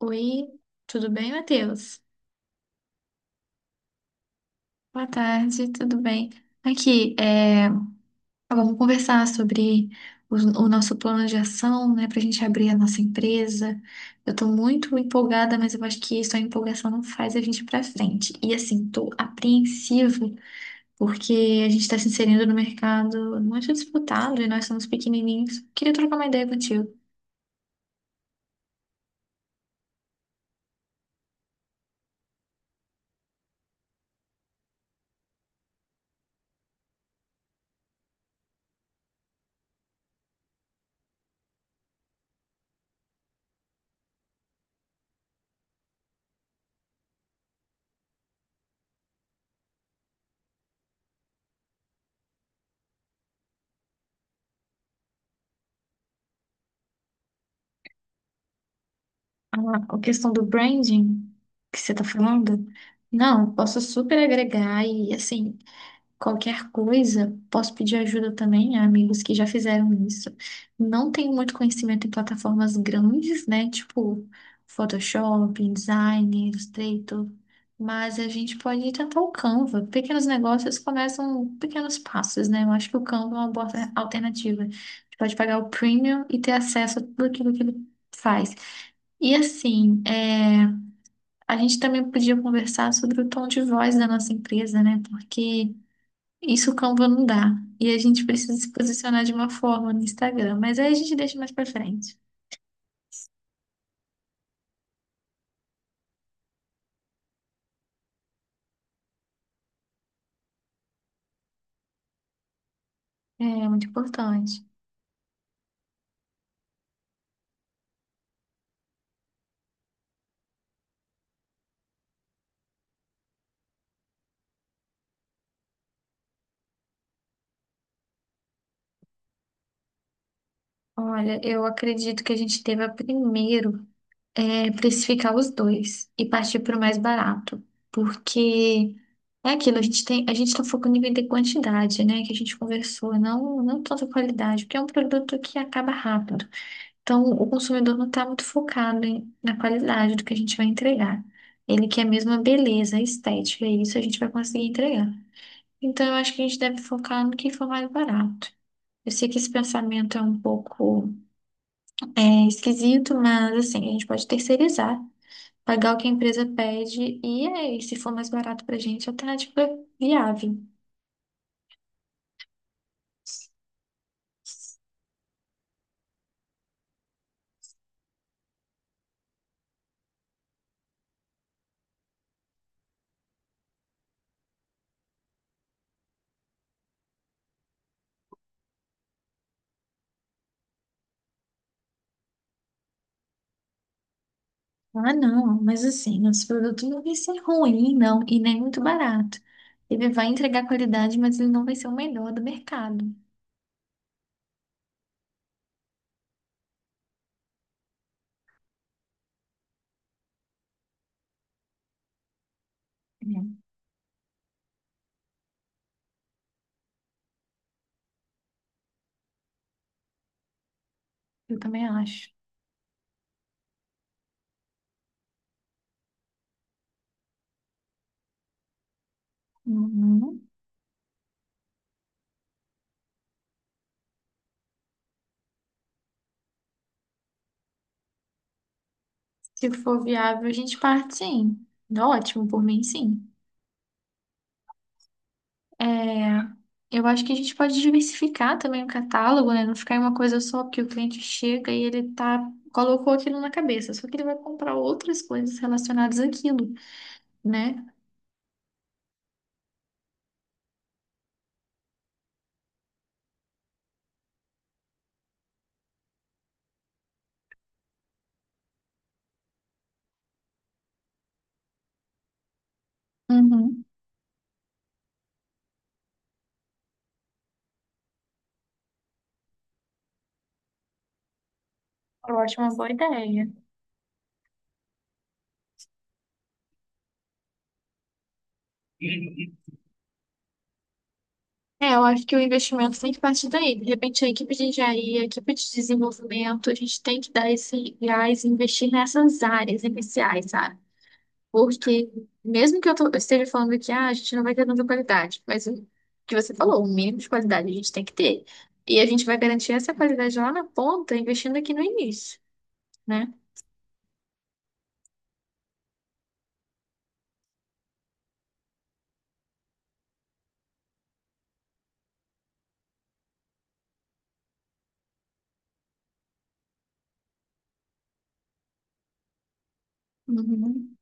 Oi, tudo bem, Matheus? Boa tarde, tudo bem? Aqui, agora vamos conversar sobre o, o nosso plano de ação, né, para a gente abrir a nossa empresa. Eu estou muito empolgada, mas eu acho que só a empolgação não faz a gente ir para frente. E assim, estou apreensiva porque a gente está se inserindo no mercado muito disputado e nós somos pequenininhos. Queria trocar uma ideia contigo. A a questão do branding que você está falando, não, posso super agregar e, assim, qualquer coisa, posso pedir ajuda também a amigos que já fizeram isso. Não tenho muito conhecimento em plataformas grandes, né, tipo Photoshop, InDesign, Illustrator, mas a gente pode tentar o Canva. Pequenos negócios começam pequenos passos, né? Eu acho que o Canva é uma boa alternativa. A gente pode pagar o premium e ter acesso a tudo aquilo que ele faz. E assim, a gente também podia conversar sobre o tom de voz da nossa empresa, né? Porque isso o Canva não dá. E a gente precisa se posicionar de uma forma no Instagram. Mas aí a gente deixa mais pra frente. É muito importante. Olha, eu acredito que a gente deva primeiro precificar os dois e partir para o mais barato. Porque é aquilo, a gente tem, a gente está focando em vender quantidade, né? Que a gente conversou, não, não tanta qualidade, porque é um produto que acaba rápido. Então, o consumidor não está muito focado em- na qualidade do que a gente vai entregar. Ele quer mesmo a beleza, a estética, e isso a gente vai conseguir entregar. Então, eu acho que a gente deve focar no que for mais barato. Eu sei que esse pensamento é um pouco esquisito, mas assim, a gente pode terceirizar, pagar o que a empresa pede, e aí, se for mais barato para a gente, a alternativa é viável. Ah, não, mas assim, os produtos não vai ser ruim, não, e nem muito barato. Ele vai entregar qualidade, mas ele não vai ser o melhor do mercado. É, eu também acho. Uhum. Se for viável, a gente parte sim. Tá. Ótimo, por mim, sim. É, eu acho que a gente pode diversificar também o catálogo, né? Não ficar em uma coisa só, porque o cliente chega e ele tá, colocou aquilo na cabeça, só que ele vai comprar outras coisas relacionadas àquilo, né? Uhum. Eu acho uma boa ideia. É, eu acho que o investimento tem que partir daí. De repente, a equipe de engenharia, a equipe de desenvolvimento, a gente tem que dar esse gás e investir nessas áreas iniciais, sabe? Porque, mesmo que eu esteja falando que ah, a gente não vai ter tanta qualidade, mas o que você falou, o mínimo de qualidade a gente tem que ter. E a gente vai garantir essa qualidade lá na ponta, investindo aqui no início, né? Uhum.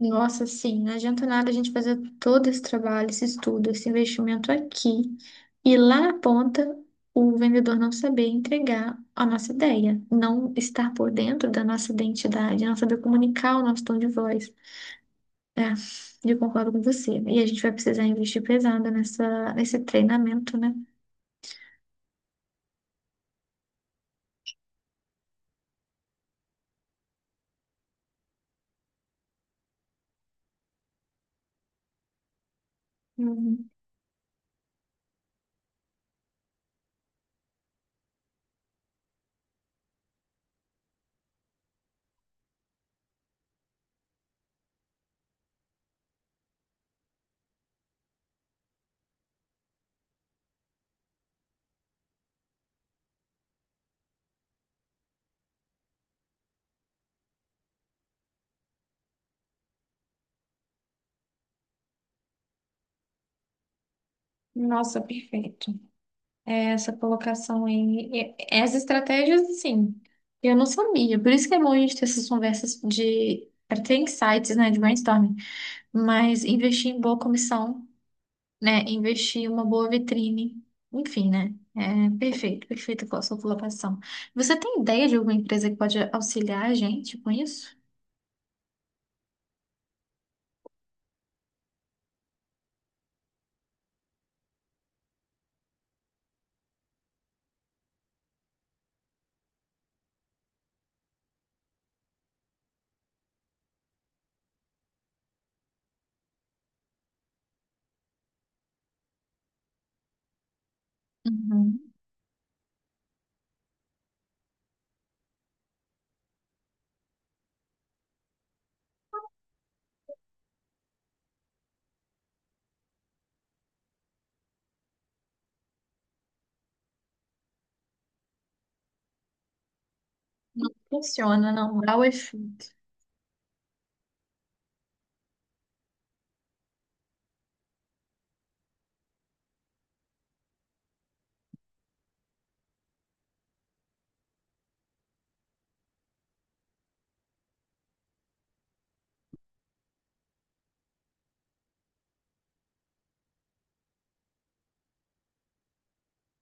Nossa, sim, não adianta nada a gente fazer todo esse trabalho, esse estudo, esse investimento aqui e lá na ponta o vendedor não saber entregar a nossa ideia, não estar por dentro da nossa identidade, não saber comunicar o nosso tom de voz. É, eu concordo com você. E a gente vai precisar investir pesado nesse treinamento, né? Uhum. Nossa, perfeito. É, essa colocação aí. É, as estratégias, assim, eu não sabia. Por isso que é bom a gente ter essas conversas de. Para ter insights, né, de brainstorming. Mas investir em boa comissão, né? Investir em uma boa vitrine. Enfim, né? É perfeito, perfeito com a sua colocação. Você tem ideia de alguma empresa que pode auxiliar a gente com isso? Uhum. Não funciona, não. Dá o efeito.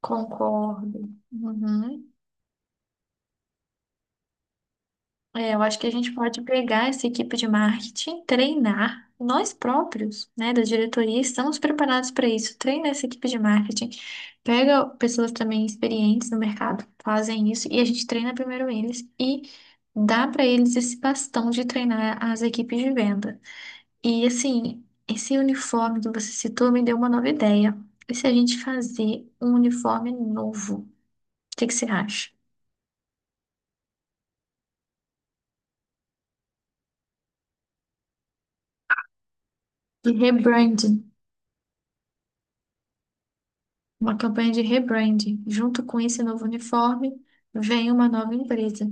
Concordo. Uhum. É, eu acho que a gente pode pegar essa equipe de marketing, treinar nós próprios, né, da diretoria, estamos preparados para isso. Treina essa equipe de marketing, pega pessoas também experientes no mercado, fazem isso e a gente treina primeiro eles e dá para eles esse bastão de treinar as equipes de venda. E assim, esse uniforme que você citou me deu uma nova ideia. E se a gente fazer um uniforme novo? O que que você acha? De rebranding. Uma campanha de rebranding. Junto com esse novo uniforme, vem uma nova empresa.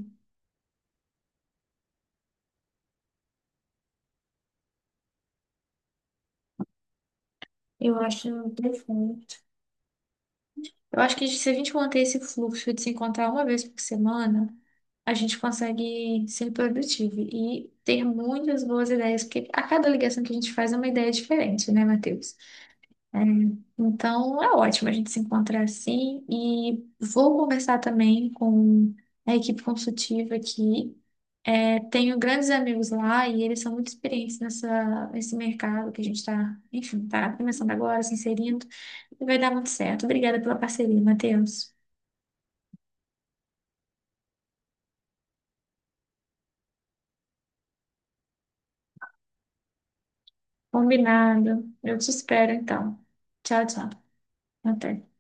Eu acho perfeito. Eu acho que se a gente manter esse fluxo de se encontrar uma vez por semana, a gente consegue ser produtivo e ter muitas boas ideias, porque a cada ligação que a gente faz é uma ideia diferente, né, Matheus? É, então é ótimo a gente se encontrar assim e vou conversar também com a equipe consultiva aqui. É, tenho grandes amigos lá e eles são muito experientes nessa, nesse mercado que a gente está, enfim, tá começando agora, se inserindo. E vai dar muito certo. Obrigada pela parceria, Matheus. Combinado. Eu te espero, então. Tchau, tchau. Até.